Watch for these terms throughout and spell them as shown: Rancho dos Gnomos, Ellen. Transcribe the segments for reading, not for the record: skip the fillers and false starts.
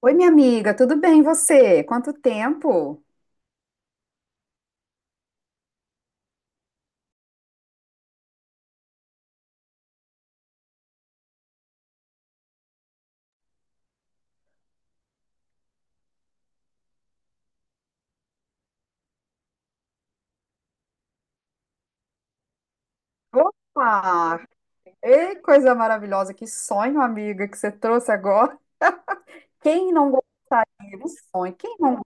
Oi, minha amiga, tudo bem e você? Quanto tempo? Opa! Ei, coisa maravilhosa, que sonho, amiga, que você trouxe agora. Quem não gostaria do sonho? Quem não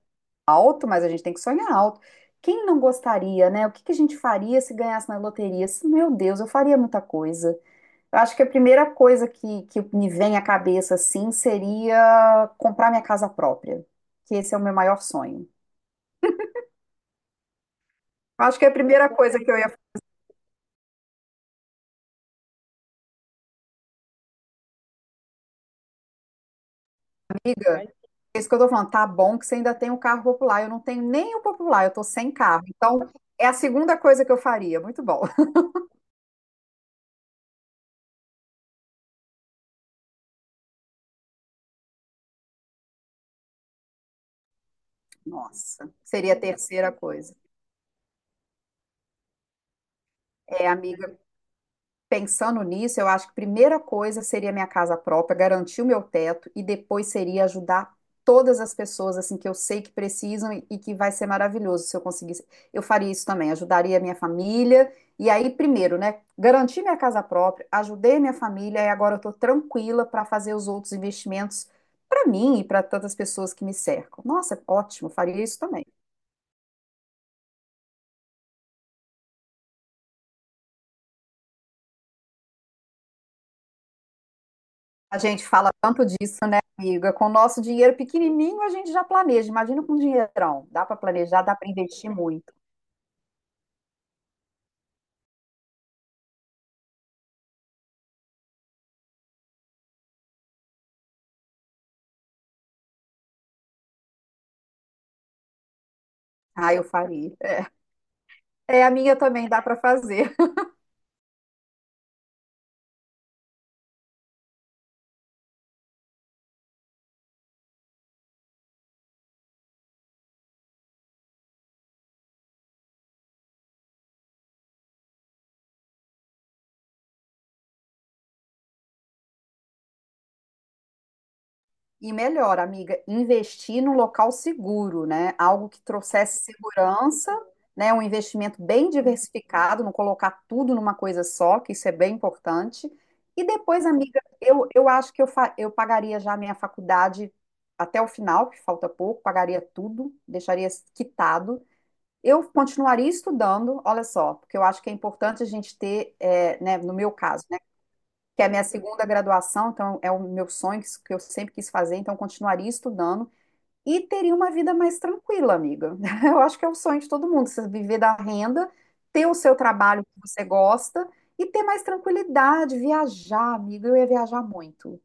alto, mas a gente tem que sonhar alto. Quem não gostaria, né? O que que a gente faria se ganhasse na loteria? Meu Deus, eu faria muita coisa. Eu acho que a primeira coisa que me vem à cabeça, assim, seria comprar minha casa própria, que esse é o meu maior sonho. Acho que é a primeira coisa que eu ia. Amiga, é isso que eu tô falando. Tá bom que você ainda tem o carro popular. Eu não tenho nem o popular, eu tô sem carro. Então, é a segunda coisa que eu faria. Muito bom. Nossa, seria a terceira coisa. É, amiga, pensando nisso, eu acho que a primeira coisa seria minha casa própria, garantir o meu teto e depois seria ajudar todas as pessoas assim que eu sei que precisam e que vai ser maravilhoso se eu conseguisse. Eu faria isso também, ajudaria a minha família. E aí, primeiro, né, garantir minha casa própria, ajudei minha família e agora eu tô tranquila para fazer os outros investimentos para mim e para tantas pessoas que me cercam. Nossa, ótimo, faria isso também. A gente fala tanto disso, né, amiga? Com o nosso dinheiro pequenininho, a gente já planeja. Imagina com um dinheirão. Dá para planejar, dá para investir muito. Ah, eu faria. É, a minha também dá para fazer. E melhor, amiga, investir num local seguro, né? Algo que trouxesse segurança, né? Um investimento bem diversificado, não colocar tudo numa coisa só, que isso é bem importante. E depois, amiga, eu acho que eu pagaria já a minha faculdade até o final, que falta pouco, pagaria tudo, deixaria quitado. Eu continuaria estudando, olha só, porque eu acho que é importante a gente ter, é, né, no meu caso, que é a minha segunda graduação, então é o meu sonho que eu sempre quis fazer, então eu continuaria estudando e teria uma vida mais tranquila, amiga. Eu acho que é o sonho de todo mundo, você viver da renda, ter o seu trabalho que você gosta e ter mais tranquilidade, viajar, amiga. Eu ia viajar muito.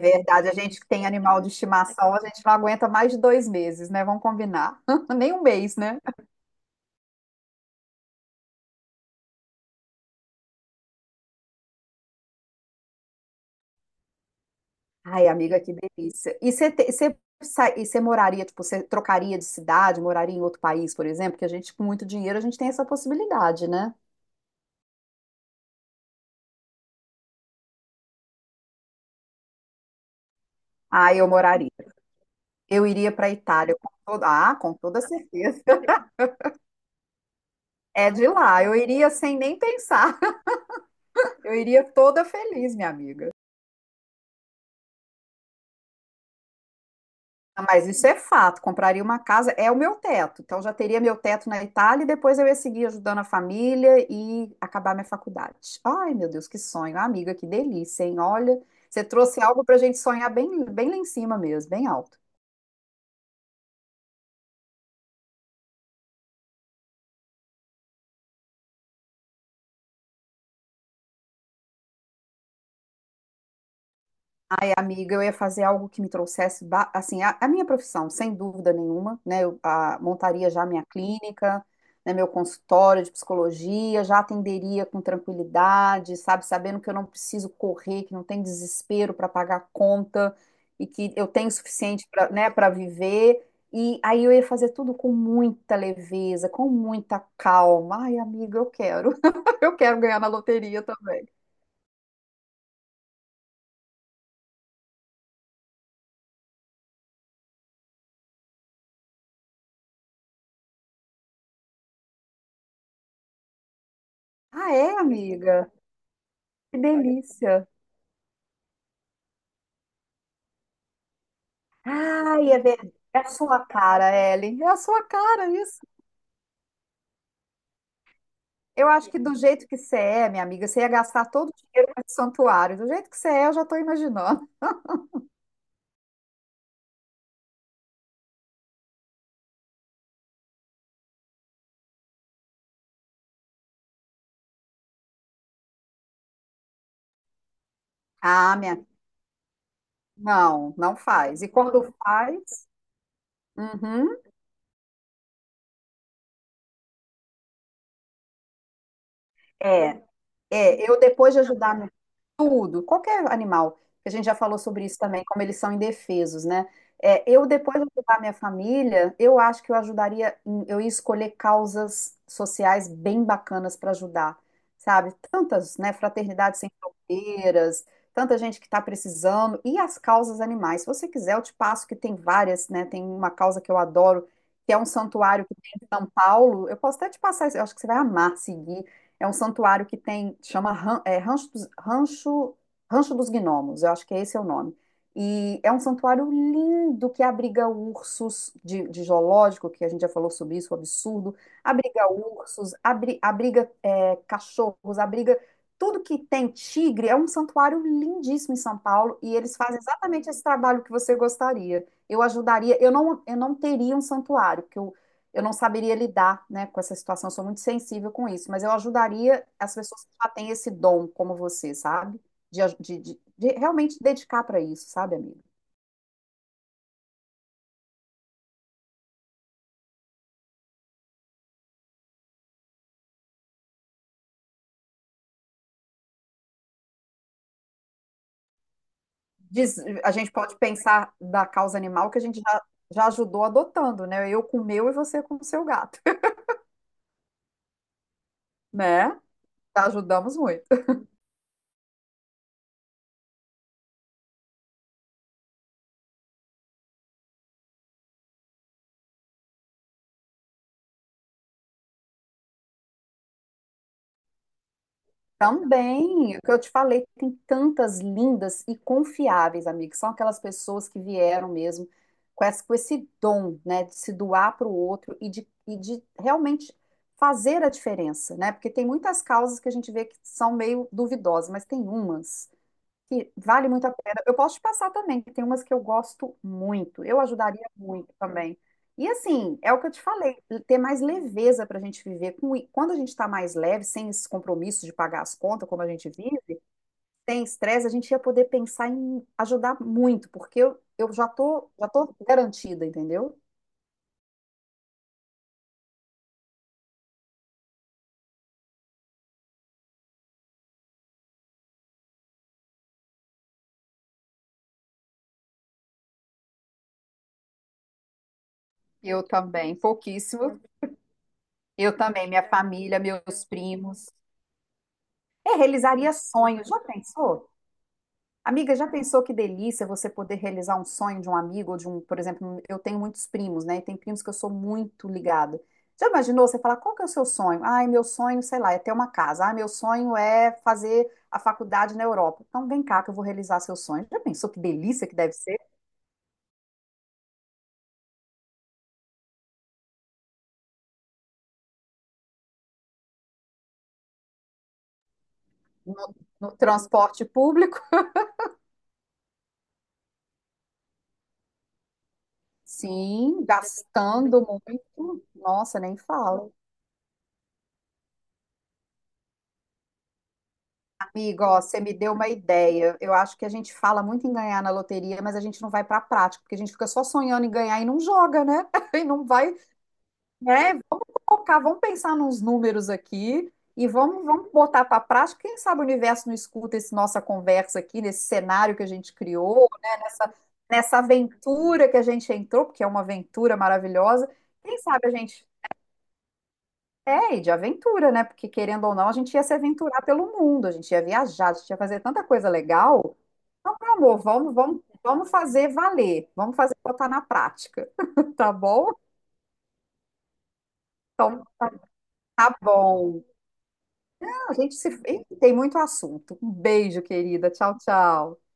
Verdade, a gente que tem animal de estimação, a gente não aguenta mais de dois meses, né? Vamos combinar. Nem um mês, né? Ai, amiga, que delícia. E você moraria, tipo, você trocaria de cidade, moraria em outro país, por exemplo? Que a gente, com muito dinheiro, a gente tem essa possibilidade, né? Ah, eu moraria. Eu iria para Itália com toda certeza. É de lá. Eu iria sem nem pensar. Eu iria toda feliz, minha amiga. Ah, mas isso é fato. Compraria uma casa, é o meu teto. Então já teria meu teto na Itália e depois eu ia seguir ajudando a família e acabar minha faculdade. Ai, meu Deus, que sonho. Ah, amiga, que delícia, hein? Olha, você trouxe algo para a gente sonhar bem, bem lá em cima mesmo, bem alto. Amiga, eu ia fazer algo que me assim, a minha profissão, sem dúvida nenhuma, né? Montaria já a minha clínica, né, meu consultório de psicologia, já atenderia com tranquilidade, sabe? Sabendo que eu não preciso correr, que não tem desespero para pagar conta e que eu tenho o suficiente para, né, para viver. E aí eu ia fazer tudo com muita leveza, com muita calma. Ai, amiga, eu quero. Eu quero ganhar na loteria também. Ah, é, amiga? Que delícia. Ai, é verdade. É a sua cara, Ellen. É a sua cara isso. Eu acho que do jeito que você é, minha amiga, você ia gastar todo o dinheiro no santuário. Do jeito que você é, eu já estou imaginando. Ah, minha. Não, não faz. E quando faz, uhum, é, eu depois de ajudar tudo, qualquer animal, que a gente já falou sobre isso também, como eles são indefesos, né? É, eu, depois de ajudar minha família, eu acho que eu ajudaria, eu ia escolher causas sociais bem bacanas para ajudar, sabe? Tantas, né? Fraternidades sem fronteiras, tanta gente que está precisando, e as causas animais. Se você quiser, eu te passo que tem várias, né? Tem uma causa que eu adoro, que é um santuário que tem em São Paulo. Eu posso até te passar, isso, eu acho que você vai amar seguir. É um santuário que tem, chama Rancho dos Gnomos, eu acho que esse é o nome. E é um santuário lindo que abriga ursos de zoológico, que a gente já falou sobre isso, o absurdo. Abriga ursos, abriga é, cachorros, abriga tudo que tem tigre. É um santuário lindíssimo em São Paulo e eles fazem exatamente esse trabalho que você gostaria. Eu ajudaria, eu não teria um santuário, porque eu não saberia lidar, né, com essa situação, eu sou muito sensível com isso, mas eu ajudaria as pessoas que já têm esse dom, como você, sabe? De realmente dedicar para isso, sabe, amigo? Diz- a gente pode pensar da causa animal que já ajudou adotando, né? Eu com o meu e você com o seu gato, né? Já ajudamos muito. Também, o que eu te falei, tem tantas lindas e confiáveis, amiga, que são aquelas pessoas que vieram mesmo com esse dom, né, de se doar para o outro e de realmente fazer a diferença, né? Porque tem muitas causas que a gente vê que são meio duvidosas, mas tem umas que vale muito a pena. Eu posso te passar também, que tem umas que eu gosto muito. Eu ajudaria muito também. E assim, é o que eu te falei, ter mais leveza para a gente viver. Quando a gente está mais leve, sem esse compromisso de pagar as contas, como a gente vive, sem estresse, a gente ia poder pensar em ajudar muito, porque eu já tô garantida, entendeu? Eu também, pouquíssimo. Eu também, minha família, meus primos. É, realizaria sonhos, já pensou? Amiga, já pensou que delícia você poder realizar um sonho de um amigo ou de um, por exemplo, um, eu tenho muitos primos, né? E tem primos que eu sou muito ligada. Já imaginou você falar, qual que é o seu sonho? Ai, meu sonho, sei lá, é ter uma casa. Ah, meu sonho é fazer a faculdade na Europa. Então vem cá que eu vou realizar seu sonho. Já pensou que delícia que deve ser no, no transporte público? Sim, gastando muito. Nossa, nem fala. Amigo, ó, você me deu uma ideia. Eu acho que a gente fala muito em ganhar na loteria, mas a gente não vai para a prática, porque a gente fica só sonhando em ganhar e não joga, né? E não vai, né? Vamos colocar, vamos pensar nos números aqui e vamos, vamos botar para a prática. Quem sabe o universo não escuta essa nossa conversa aqui, nesse cenário que a gente criou, né? Nessa aventura que a gente entrou, porque é uma aventura maravilhosa. Quem sabe a gente é, e de aventura, né? Porque querendo ou não, a gente ia se aventurar pelo mundo, a gente ia viajar, a gente ia fazer tanta coisa legal. Então, meu amor, vamos, vamos, vamos fazer valer, vamos fazer botar na prática, tá bom? Então, tá bom. A gente se... Ih, tem muito assunto. Um beijo, querida. Tchau, tchau.